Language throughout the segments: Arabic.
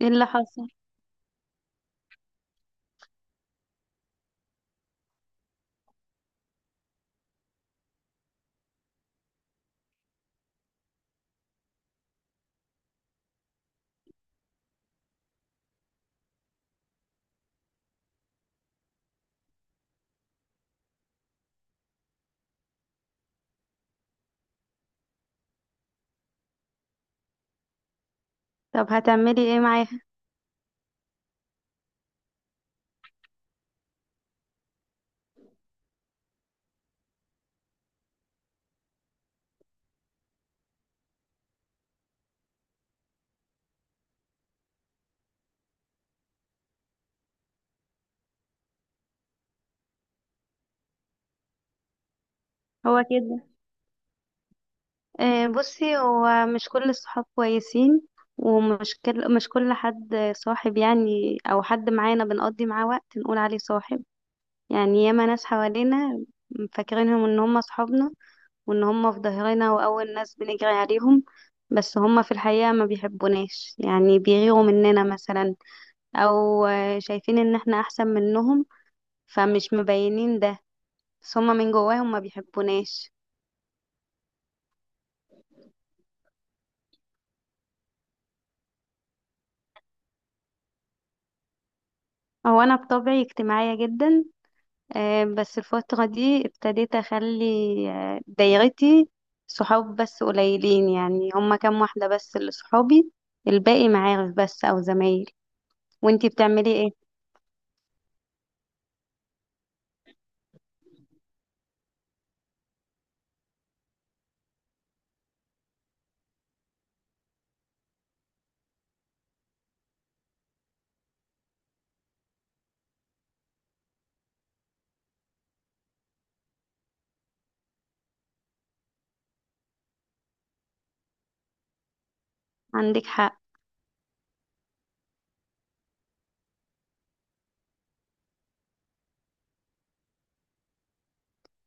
ايه اللي حصل؟ طب هتعملي ايه معاها؟ هو كده. آه، بصي، هو مش كل الصحاب كويسين. ومش كل مش كل حد صاحب، يعني او حد معانا بنقضي معاه وقت نقول عليه صاحب. يعني ياما ناس حوالينا فاكرينهم ان هم صحابنا وان هم في ظهرنا واول ناس بنجري عليهم، بس هم في الحقيقة ما بيحبوناش، يعني بيغيروا مننا مثلا، او شايفين ان احنا احسن منهم فمش مبينين ده، بس هم من جواهم ما بيحبوناش. هو انا بطبعي اجتماعيه جدا، بس الفتره دي ابتديت اخلي دايرتي صحاب بس قليلين، يعني هما كام واحده بس اللي صحابي، الباقي معارف بس او زمايل. وانتي بتعملي ايه؟ عندك حق.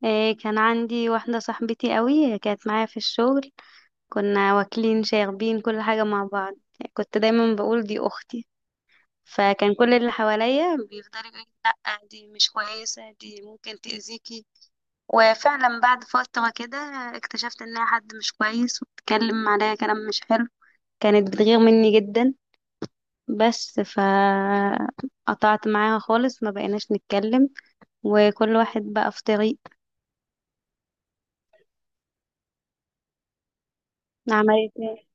كان عندي واحده صاحبتي قوي كانت معايا في الشغل، كنا واكلين شاربين كل حاجه مع بعض، كنت دايما بقول دي اختي. فكان كل اللي حواليا بيفضلوا يقولوا لي: لا، دي مش كويسه، دي ممكن تاذيكي. وفعلا بعد فترة كده اكتشفت انها حد مش كويس وبتتكلم عليا كلام مش حلو، كانت بتغير مني جدا. بس قطعت معاها خالص، ما بقيناش نتكلم وكل واحد بقى في طريق. عملت ايه؟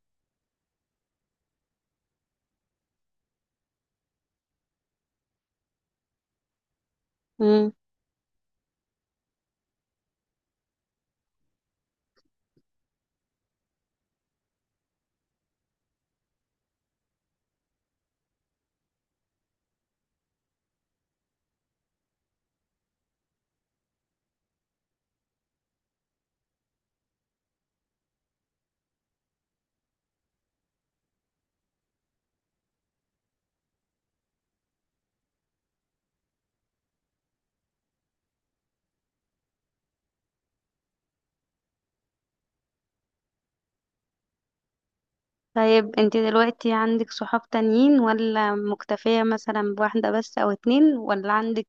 مم. طيب، انت دلوقتي عندك صحاب تانيين، ولا مكتفية مثلا بواحدة بس او اتنين، ولا عندك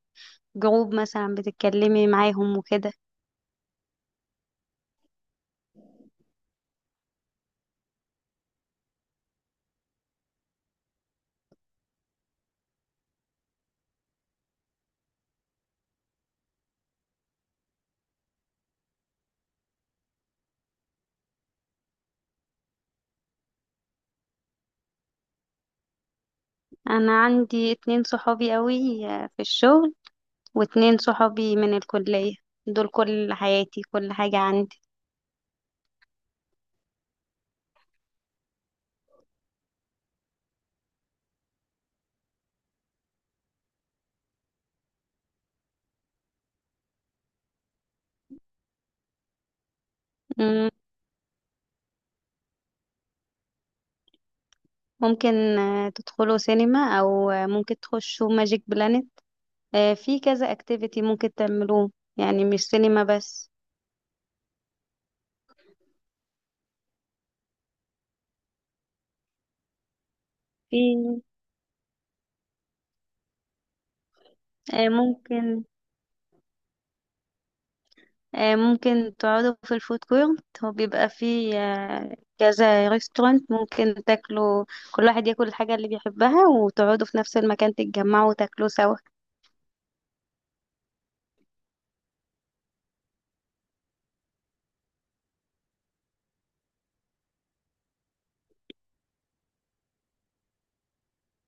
جروب مثلا بتتكلمي معاهم وكده؟ انا عندي اتنين صحابي قوي في الشغل، واتنين صحابي من الكلية، دول كل حياتي، كل حاجة عندي. مم، ممكن تدخلوا سينما، أو ممكن تخشوا ماجيك بلانت. في كذا اكتيفيتي ممكن تعملوه، يعني مش سينما بس. في آه، ممكن ممكن تقعدوا في الفود كورت، هو بيبقى فيه كذا ريستورانت، ممكن تاكلوا، كل واحد ياكل الحاجة اللي بيحبها، وتقعدوا في نفس المكان تتجمعوا وتاكلوا سوا.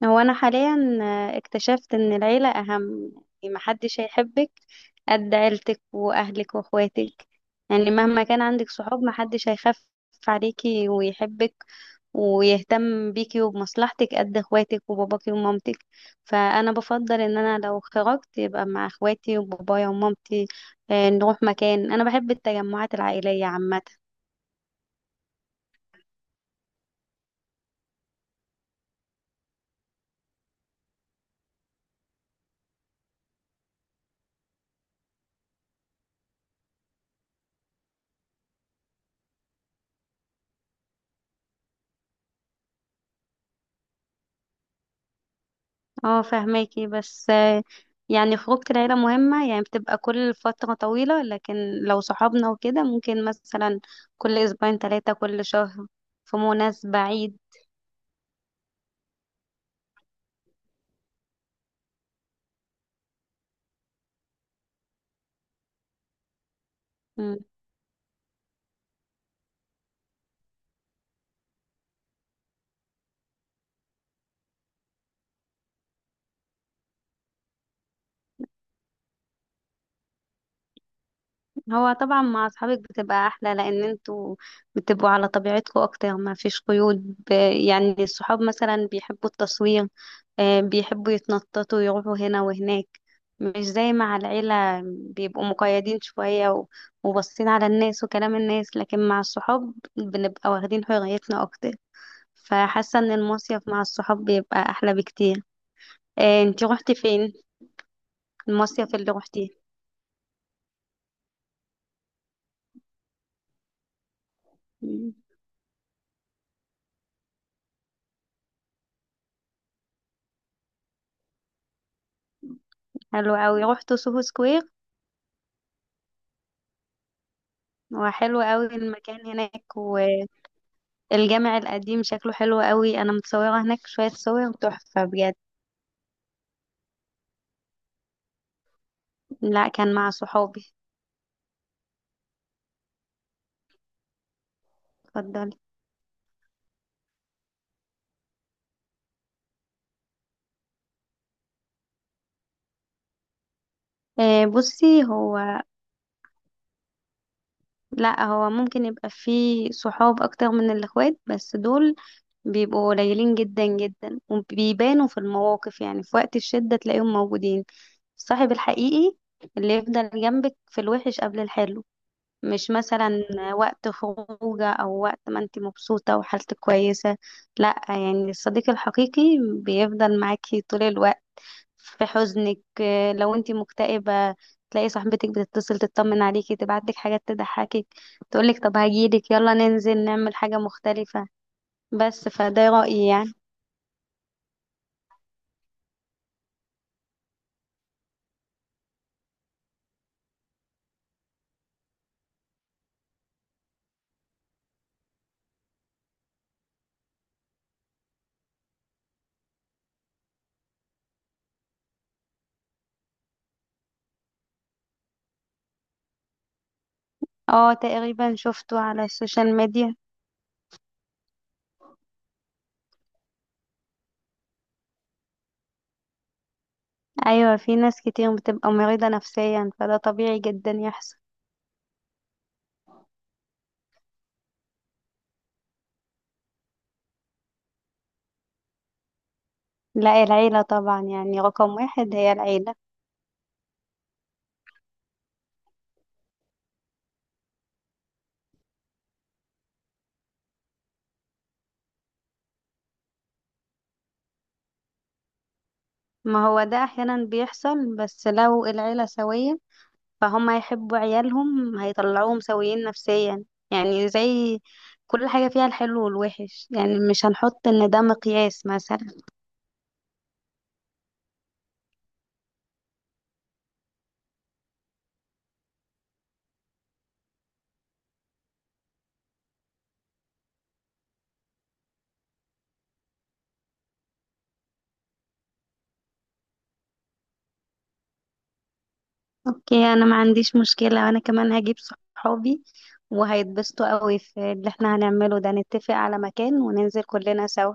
هو انا حاليا اكتشفت ان العيله اهم، يعني محدش هيحبك قد عيلتك واهلك واخواتك، يعني مهما كان عندك صحاب محدش هيخاف عليكي ويحبك ويهتم بيكي وبمصلحتك قد اخواتك وباباكي ومامتك. فانا بفضل ان انا لو خرجت يبقى مع اخواتي وبابايا ومامتي، نروح مكان. انا بحب التجمعات العائليه عامه. اه، فهماكي، بس يعني خروجة العيلة مهمة، يعني بتبقى كل فترة طويلة، لكن لو صحابنا وكده ممكن مثلا كل أسبوعين، ثلاثة، كل شهر، في مناسبة، عيد. هو طبعا مع اصحابك بتبقى احلى، لان انتوا بتبقوا على طبيعتكم اكتر، ما فيش قيود. يعني الصحاب مثلا بيحبوا التصوير، بيحبوا يتنططوا يروحوا هنا وهناك، مش زي مع العيلة بيبقوا مقيدين شوية وباصين على الناس وكلام الناس. لكن مع الصحاب بنبقى واخدين حريتنا اكتر، فحاسة ان المصيف مع الصحاب بيبقى احلى بكتير. انتي روحتي فين؟ المصيف اللي روحتيه. مم. حلو اوي. روحتوا سوهو سكوير؟ هو حلو قوي المكان هناك، والجامع القديم شكله حلو قوي، انا متصوره هناك شويه صور تحفه بجد. لا، كان مع صحابي. اتفضلي. بصي هو. لا، هو ممكن يبقى فيه صحاب اكتر من الاخوات، بس دول بيبقوا قليلين جدا جدا، وبيبانوا في المواقف، يعني في وقت الشده تلاقيهم موجودين. الصاحب الحقيقي اللي يفضل جنبك في الوحش قبل الحلو، مش مثلا وقت خروجه او وقت ما انت مبسوطة وحالتك كويسة. لا، يعني الصديق الحقيقي بيفضل معاكي طول الوقت، في حزنك، لو انت مكتئبة تلاقي صاحبتك بتتصل تطمن عليكي، تبعتلك حاجات تضحكك، تقولك طب هجيلك، يلا ننزل نعمل حاجة مختلفة. بس فده رأيي يعني. اه، تقريبا شفته على السوشيال ميديا. ايوه، في ناس كتير بتبقى مريضة نفسيا، فده طبيعي جدا يحصل. لا، العيلة طبعا، يعني رقم واحد هي العيلة. ما هو ده أحيانا بيحصل، بس لو العيلة سوية فهم هيحبوا عيالهم، هيطلعوهم سويين نفسيا، يعني زي كل حاجة فيها الحلو والوحش، يعني مش هنحط إن ده مقياس مثلا. أوكي، أنا ما عنديش مشكلة، أنا كمان هجيب صحابي وهيتبسطوا قوي في اللي احنا هنعمله ده، نتفق على مكان وننزل كلنا سوا.